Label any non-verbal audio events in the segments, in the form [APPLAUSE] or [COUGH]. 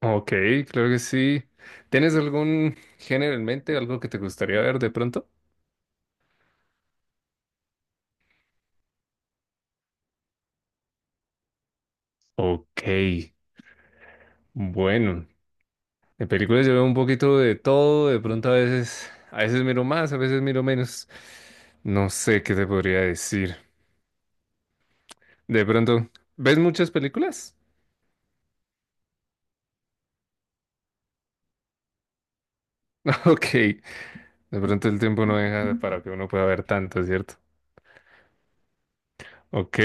Ok, claro que sí. ¿Tienes algún género en mente, algo que te gustaría ver de pronto? Ok, bueno, en películas yo veo un poquito de todo, de pronto a veces miro más, a veces miro menos. No sé qué te podría decir. De pronto, ¿ves muchas películas? [LAUGHS] Ok, de pronto el tiempo no deja para que uno pueda ver tanto, ¿cierto? Ok,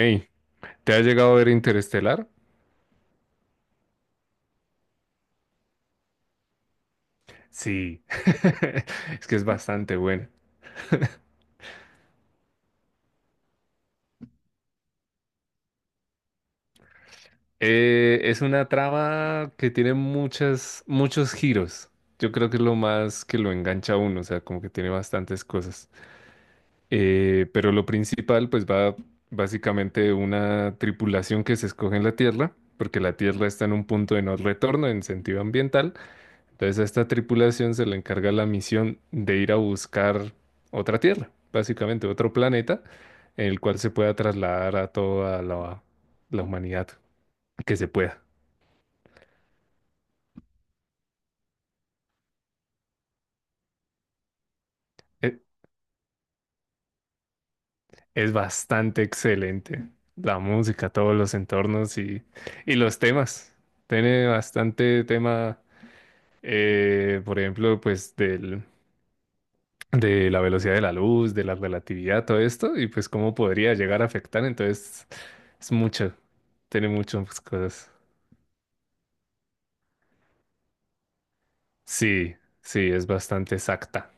¿te ha llegado a ver Interestelar? Sí, [LAUGHS] es que es bastante buena. Es una trama que tiene muchos giros. Yo creo que es lo más que lo engancha a uno, o sea, como que tiene bastantes cosas. Pero lo principal, pues va básicamente de una tripulación que se escoge en la Tierra, porque la Tierra está en un punto de no retorno en sentido ambiental. Entonces a esta tripulación se le encarga la misión de ir a buscar otra Tierra, básicamente otro planeta, en el cual se pueda trasladar a toda la humanidad que se pueda. E- Es bastante excelente. La música, todos los entornos y los temas. Tiene bastante tema, por ejemplo, de la velocidad de la luz, de la relatividad, todo esto, y pues cómo podría llegar a afectar. Entonces, es mucho. Tiene muchas cosas. Sí, sí, es bastante exacta.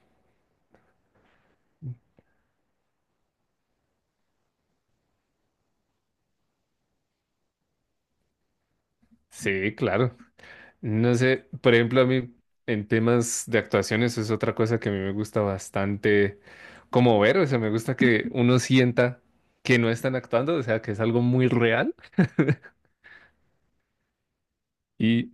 Sí, claro. No sé, por ejemplo, a mí en temas de actuaciones es otra cosa que a mí me gusta bastante como ver, o sea, me gusta que [LAUGHS] uno sienta que no están actuando, o sea, que es algo muy real y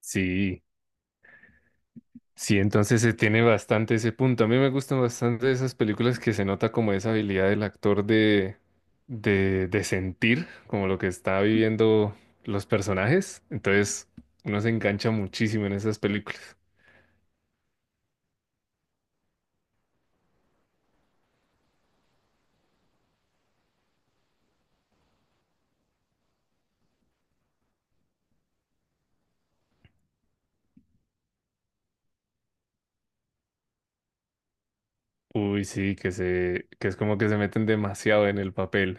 sí, sí, entonces se tiene bastante ese punto. A mí me gustan bastante esas películas que se nota como esa habilidad del actor de sentir como lo que está viviendo los personajes, entonces uno se engancha muchísimo en esas películas. Uy, sí, que es como que se meten demasiado en el papel.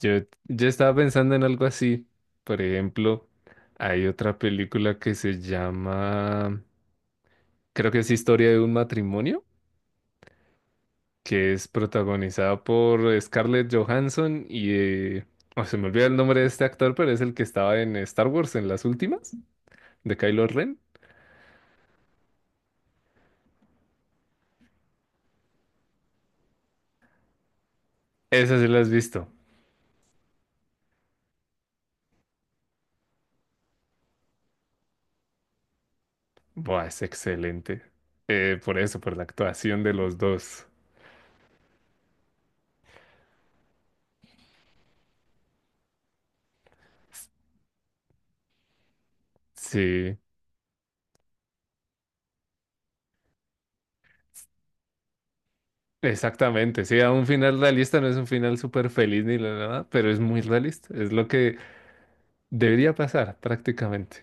Yo, yo estaba pensando en algo así. Por ejemplo, hay otra película que se llama, creo que es Historia de un matrimonio, que es protagonizada por Scarlett Johansson y, oh, se me olvida el nombre de este actor, pero es el que estaba en Star Wars en las últimas, de Kylo Ren. Esa sí la has visto. Buah, es excelente. Por eso, por la actuación de los dos. Sí. Exactamente, sí, a un final realista no es un final súper feliz ni la nada, pero es muy realista, es lo que debería pasar prácticamente.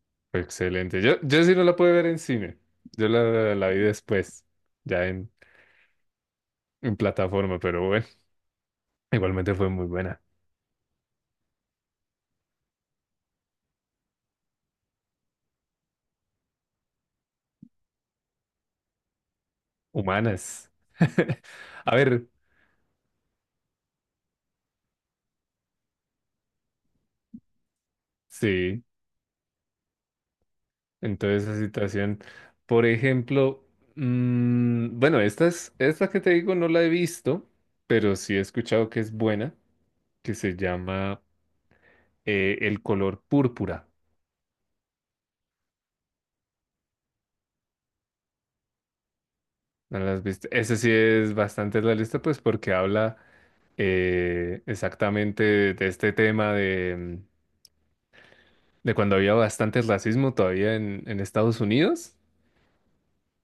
[LAUGHS] Excelente, yo sí no la pude ver en cine, yo la vi después, ya en plataforma, pero bueno, igualmente fue muy buena. Humanas. [LAUGHS] A ver, sí, entonces esa situación, por ejemplo, mm, bueno, esta es, esta que te digo no la he visto, pero sí he escuchado que es buena, que se llama... el color púrpura. ¿No lo has visto? Ese sí es bastante realista, pues porque habla exactamente de este tema de, mm, de cuando había bastante racismo todavía en Estados Unidos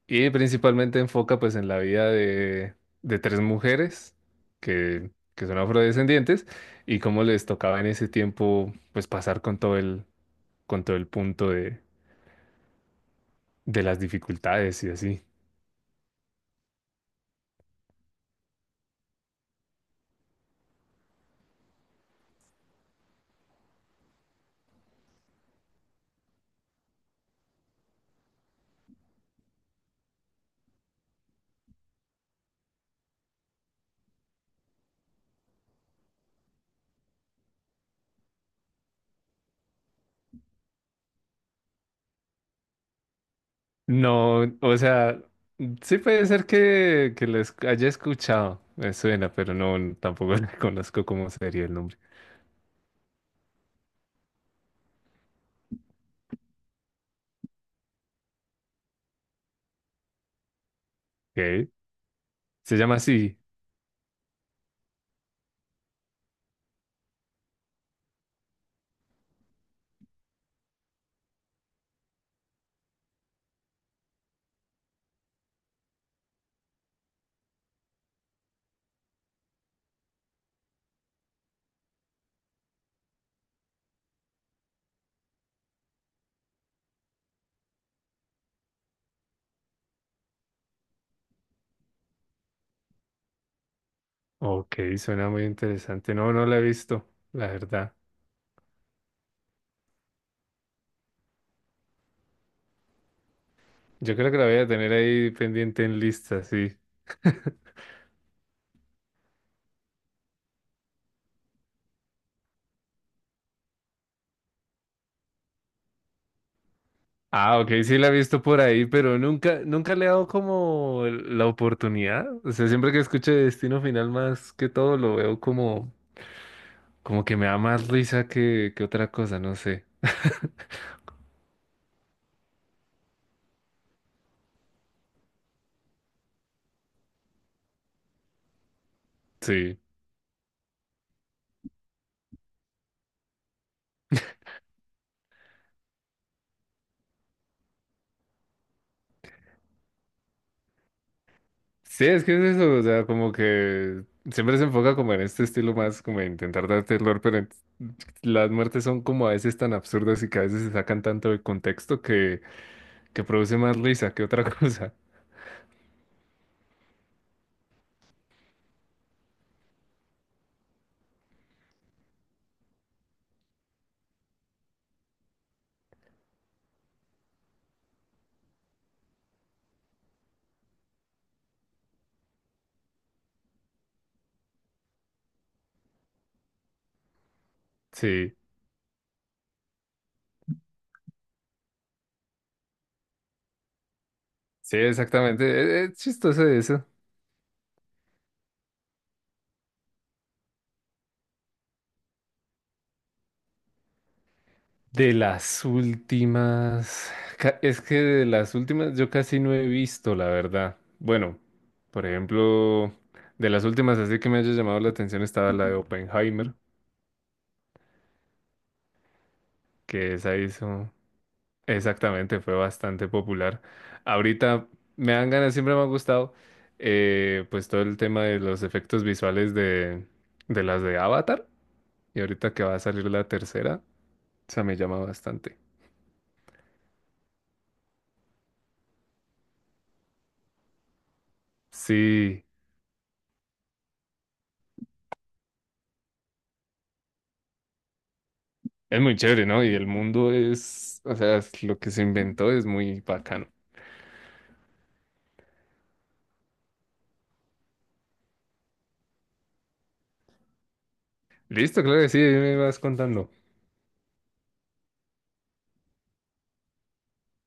y principalmente enfoca pues en la vida de tres mujeres que son afrodescendientes y cómo les tocaba en ese tiempo pues pasar con todo con todo el punto de las dificultades y así. No, o sea, sí puede ser que lo haya escuchado, me suena, pero no, tampoco [LAUGHS] le conozco cómo sería el nombre. Ok, se llama así. Ok, suena muy interesante. No, no la he visto, la verdad. Yo creo que la voy a tener ahí pendiente en lista, sí. Ah, ok, sí la he visto por ahí, pero nunca, nunca le he dado como la oportunidad. O sea, siempre que escucho Destino Final más que todo, lo veo como, como que me da más risa que otra cosa, no sé. Sí. Sí, es que es eso, o sea, como que siempre se enfoca como en este estilo más, como de intentar dar terror, pero las muertes son como a veces tan absurdas y que a veces se sacan tanto de contexto que produce más risa que otra [LAUGHS] cosa. Sí, sí, exactamente. Es chistoso eso. De las últimas, es que de las últimas yo casi no he visto, la verdad. Bueno, por ejemplo, de las últimas así que me haya llamado la atención estaba la de Oppenheimer, que esa hizo. Exactamente, fue bastante popular. Ahorita me dan ganas, siempre me ha gustado, pues todo el tema de los efectos visuales de las de Avatar. Y ahorita que va a salir la tercera, o sea, me llama bastante. Sí, es muy chévere, ¿no? Y el mundo es, o sea, es lo que se inventó es muy bacano. Listo, claro que sí, ahí me vas contando.